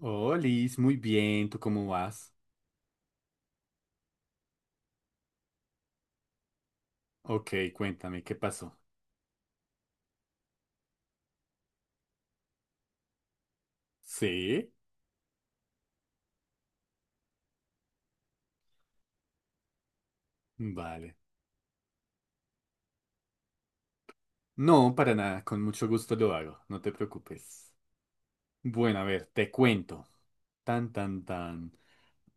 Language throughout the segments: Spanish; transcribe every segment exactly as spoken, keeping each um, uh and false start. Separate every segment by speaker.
Speaker 1: Oh, Liz, muy bien, ¿tú cómo vas? Ok, cuéntame, ¿qué pasó? ¿Sí? Vale. No, para nada, con mucho gusto lo hago, no te preocupes. Bueno, a ver, te cuento. Tan, tan, tan.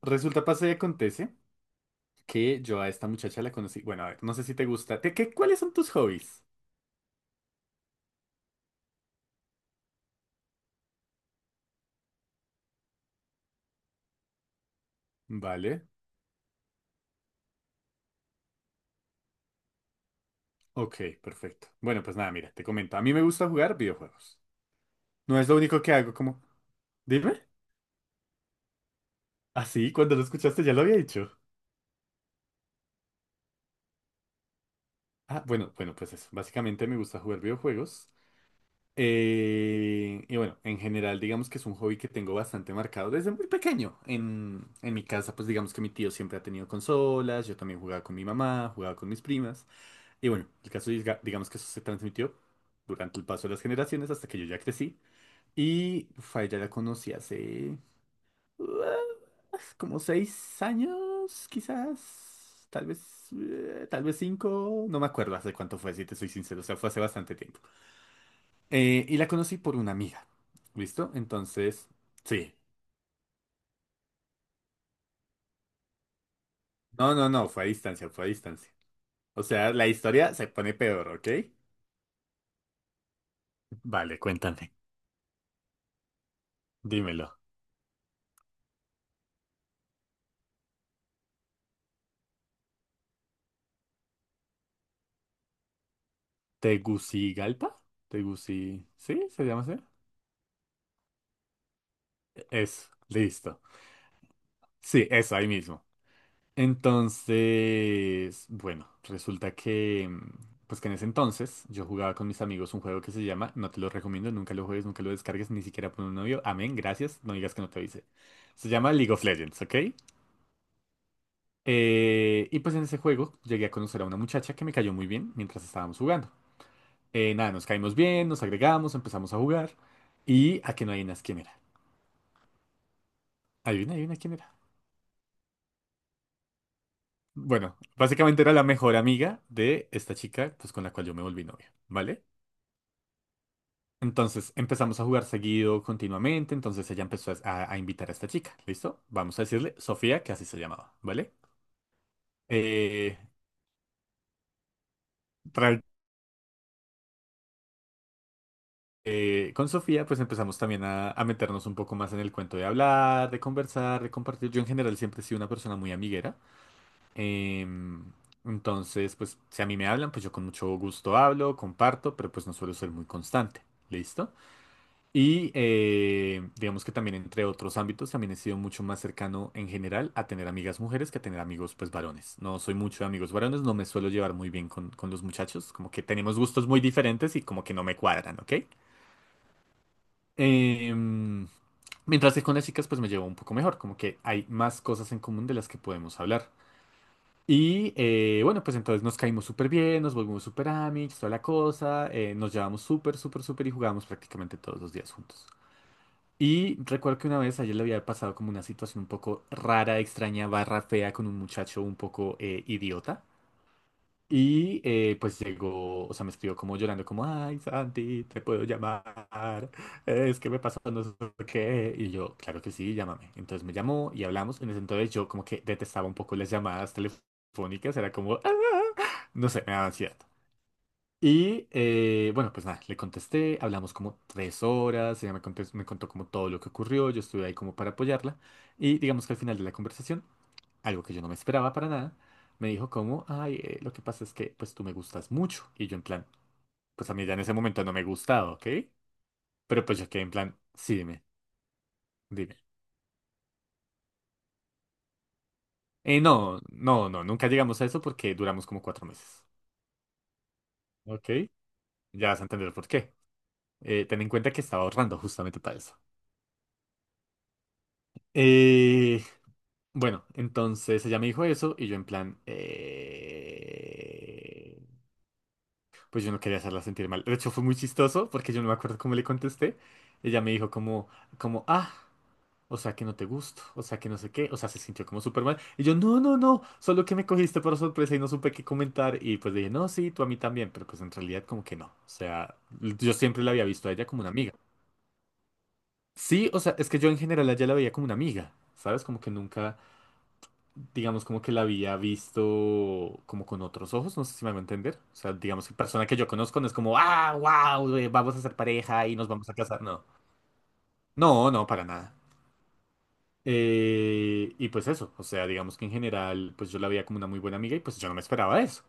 Speaker 1: Resulta, pasa y acontece que yo a esta muchacha la conocí. Bueno, a ver, no sé si te gusta. ¿Te- ¿qué, cuáles son tus hobbies? Vale. Ok, perfecto. Bueno, pues nada, mira, te comento. A mí me gusta jugar videojuegos. No es lo único que hago, como... Dime. ¿Así? Cuando lo escuchaste ya lo había dicho. Ah, bueno, bueno, pues eso. Básicamente me gusta jugar videojuegos. Eh, y bueno, en general, digamos que es un hobby que tengo bastante marcado desde muy pequeño. En, en mi casa, pues digamos que mi tío siempre ha tenido consolas, yo también jugaba con mi mamá, jugaba con mis primas. Y bueno, el caso es, diga- digamos que eso se transmitió durante el paso de las generaciones hasta que yo ya crecí. Y uf, a ella la conocí hace ah, como seis años, quizás. Tal vez, eh, tal vez cinco. No me acuerdo hace cuánto fue, si te soy sincero. O sea, fue hace bastante tiempo. Eh, y la conocí por una amiga. ¿Listo? Entonces, sí. No, no, no, fue a distancia, fue a distancia. O sea, la historia se pone peor, ¿ok? Vale, cuéntame. Dímelo. ¿Tegucigalpa? ¿Teguci... ¿Sí? ¿Se llama así? Eso, listo. Sí, eso, ahí mismo. Entonces, bueno, resulta que, mm, pues que en ese entonces yo jugaba con mis amigos un juego que se llama, no te lo recomiendo, nunca lo juegues, nunca lo descargues, ni siquiera por un novio, amén, gracias, no digas que no te avisé. Se llama League of Legends, ¿ok? Eh, y pues en ese juego llegué a conocer a una muchacha que me cayó muy bien mientras estábamos jugando. Eh, nada, nos caímos bien, nos agregamos, empezamos a jugar y a que no adivinas quién era. Adivina, adivina quién era. Bueno, básicamente era la mejor amiga de esta chica, pues con la cual yo me volví novio, ¿vale? Entonces empezamos a jugar seguido, continuamente. Entonces ella empezó a, a invitar a esta chica, ¿listo? Vamos a decirle Sofía, que así se llamaba, ¿vale? Eh, tra- eh, con Sofía, pues empezamos también a, a meternos un poco más en el cuento de hablar, de conversar, de compartir. Yo en general siempre he sido una persona muy amiguera. em, entonces, pues si a mí me hablan, pues yo con mucho gusto hablo, comparto, pero pues no suelo ser muy constante, ¿listo? Y eh, digamos que también entre otros ámbitos también he sido mucho más cercano en general a tener amigas mujeres que a tener amigos pues varones. No soy mucho de amigos varones, no me suelo llevar muy bien con, con los muchachos, como que tenemos gustos muy diferentes y como que no me cuadran, ¿ok? Em, mientras que con las chicas pues me llevo un poco mejor, como que hay más cosas en común de las que podemos hablar. Y eh, bueno, pues entonces nos caímos súper bien, nos volvimos súper amigos, toda la cosa, eh, nos llevamos súper, súper, súper y jugábamos prácticamente todos los días juntos. Y recuerdo que una vez ayer le había pasado como una situación un poco rara, extraña, barra fea con un muchacho un poco eh, idiota. Y eh, pues llegó, o sea, me escribió como llorando, como, ay, Santi, te puedo llamar, es que me pasó no sé qué. Y yo, claro que sí, llámame. Entonces me llamó y hablamos. En ese entonces yo como que detestaba un poco las llamadas telefónicas, era como, "Ah", no sé, me daba ansiedad. Y eh, bueno, pues nada, le contesté, hablamos como tres horas, ella me contes- me contó como todo lo que ocurrió, yo estuve ahí como para apoyarla y digamos que al final de la conversación, algo que yo no me esperaba para nada, me dijo como, ay, eh, lo que pasa es que pues tú me gustas mucho y yo en plan, pues a mí ya en ese momento no me gustaba, ¿ok? Pero pues yo quedé en plan, sí, dime, dime. Eh, no, no, no, nunca llegamos a eso porque duramos como cuatro meses, ¿ok? Ya vas a entender por qué. Eh, ten en cuenta que estaba ahorrando justamente para eso. Eh, Bueno, entonces ella me dijo eso y yo en plan, eh, pues yo no quería hacerla sentir mal. De hecho fue muy chistoso porque yo no me acuerdo cómo le contesté. Ella me dijo como, como, ah, o sea que no te gusto, o sea que no sé qué, o sea se sintió como súper mal. Y yo, no, no, no, solo que me cogiste por sorpresa y no supe qué comentar. Y pues le dije, no, sí, tú a mí también, pero pues en realidad como que no. O sea, yo siempre la había visto a ella como una amiga. Sí, o sea, es que yo en general a ella la veía como una amiga, ¿sabes? Como que nunca... digamos, como que la había visto como con otros ojos, no sé si me hago entender. O sea, digamos que persona que yo conozco no es como, ah, wow, vamos a ser pareja y nos vamos a casar. No, no, no, para nada. Eh, y pues eso, o sea, digamos que en general, pues yo la veía como una muy buena amiga y pues yo no me esperaba eso.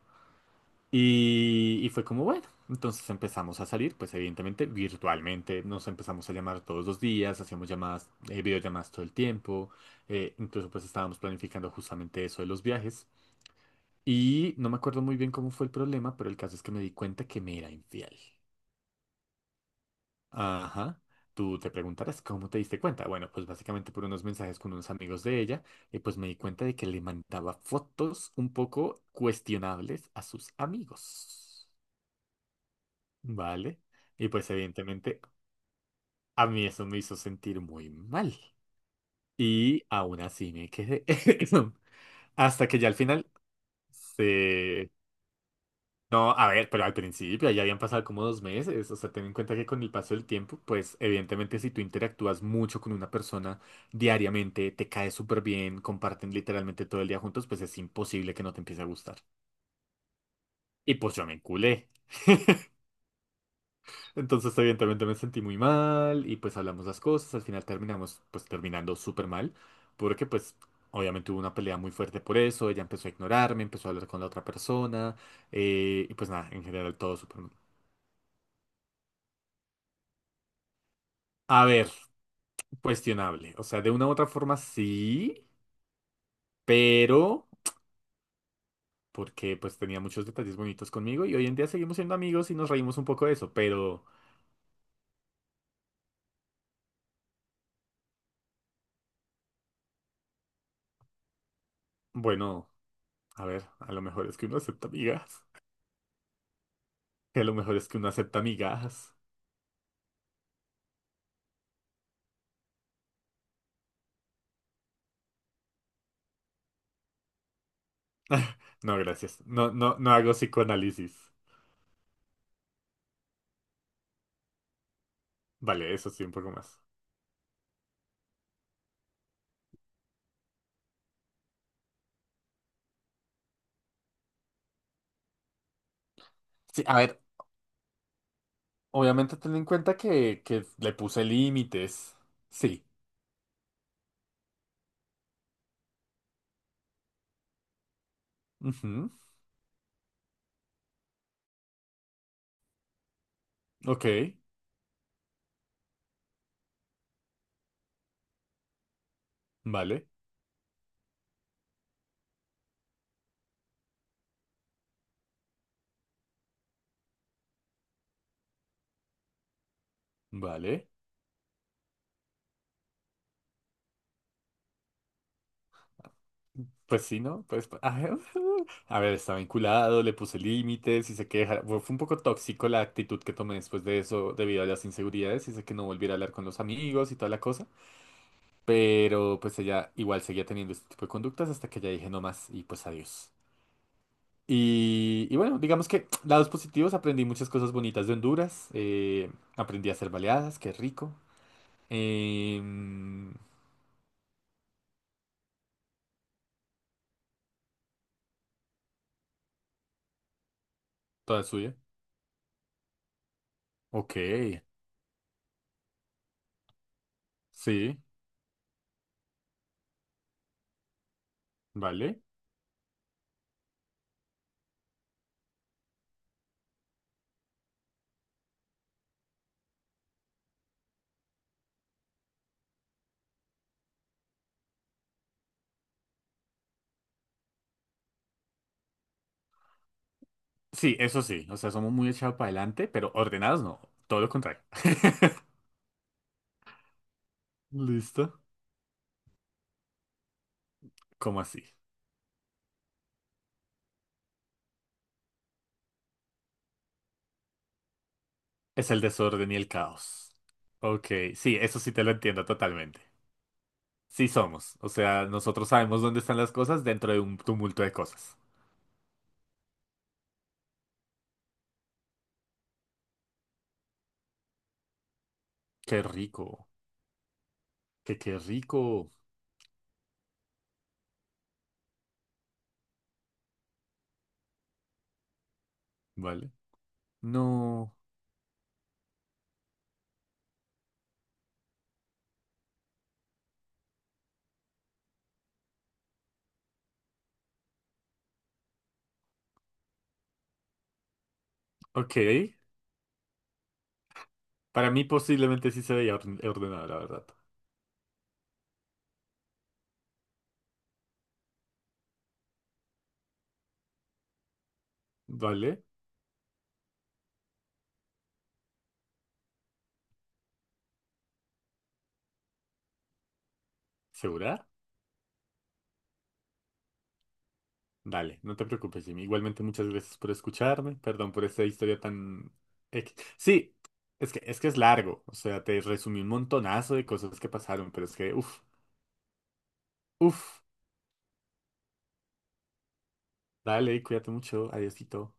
Speaker 1: Y, y fue como, bueno, entonces empezamos a salir, pues evidentemente virtualmente, nos empezamos a llamar todos los días, hacíamos llamadas, eh, videollamadas todo el tiempo, eh, incluso pues estábamos planificando justamente eso de los viajes. Y no me acuerdo muy bien cómo fue el problema, pero el caso es que me di cuenta que me era infiel. Ajá. Tú te preguntarás cómo te diste cuenta. Bueno, pues básicamente por unos mensajes con unos amigos de ella, y pues me di cuenta de que le mandaba fotos un poco cuestionables a sus amigos. ¿Vale? Y pues evidentemente a mí eso me hizo sentir muy mal. Y aún así me quedé. Hasta que ya al final se No, a ver, pero al principio ya habían pasado como dos meses, o sea, ten en cuenta que con el paso del tiempo, pues evidentemente si tú interactúas mucho con una persona diariamente, te cae súper bien, comparten literalmente todo el día juntos, pues es imposible que no te empiece a gustar. Y pues yo me enculé. Entonces evidentemente me sentí muy mal y pues hablamos las cosas, al final terminamos pues terminando súper mal, porque pues obviamente hubo una pelea muy fuerte por eso, ella empezó a ignorarme, empezó a hablar con la otra persona, eh, y pues nada, en general todo súper mal. A ver. Cuestionable. O sea, de una u otra forma sí, pero porque pues tenía muchos detalles bonitos conmigo y hoy en día seguimos siendo amigos y nos reímos un poco de eso, pero bueno, a ver, a lo mejor es que uno acepta amigas, a lo mejor es que uno acepta amigas. No, gracias. No, no, no hago psicoanálisis. Vale, eso sí, un poco más. Sí, a ver, obviamente ten en cuenta que, que le puse límites. Sí. Ujú. Ok, vale, vale. Pues sí, ¿no? Pues, ay, a ver, estaba vinculado, le puse límites y sé que dejara- fue fue un poco tóxico la actitud que tomé después de eso debido a las inseguridades y sé que no volviera a hablar con los amigos y toda la cosa, pero pues ella igual seguía teniendo este tipo de conductas hasta que ya dije no más y pues adiós. Y, y bueno, digamos que lados positivos, aprendí muchas cosas bonitas de Honduras, eh, aprendí a hacer baleadas, qué rico. em, toda suya. Ok, sí, vale. Sí, eso sí. O sea, somos muy echados para adelante, pero ordenados no. Todo lo contrario. ¿Listo? ¿Cómo así? Es el desorden y el caos. Ok, sí, eso sí te lo entiendo totalmente. Sí somos. O sea, nosotros sabemos dónde están las cosas dentro de un tumulto de cosas. Qué rico. Que qué rico. ¿Vale? No. Ok. Para mí posiblemente sí se veía orden- ordenado, la verdad. ¿Vale? ¿Segura? Dale, no te preocupes, Jimmy. Igualmente, muchas gracias por escucharme. Perdón por esta historia tan... ex- Sí, es que, es que es largo. O sea, te resumí un montonazo de cosas que pasaron, pero es que, uff, uff. Dale, cuídate mucho. Adiósito.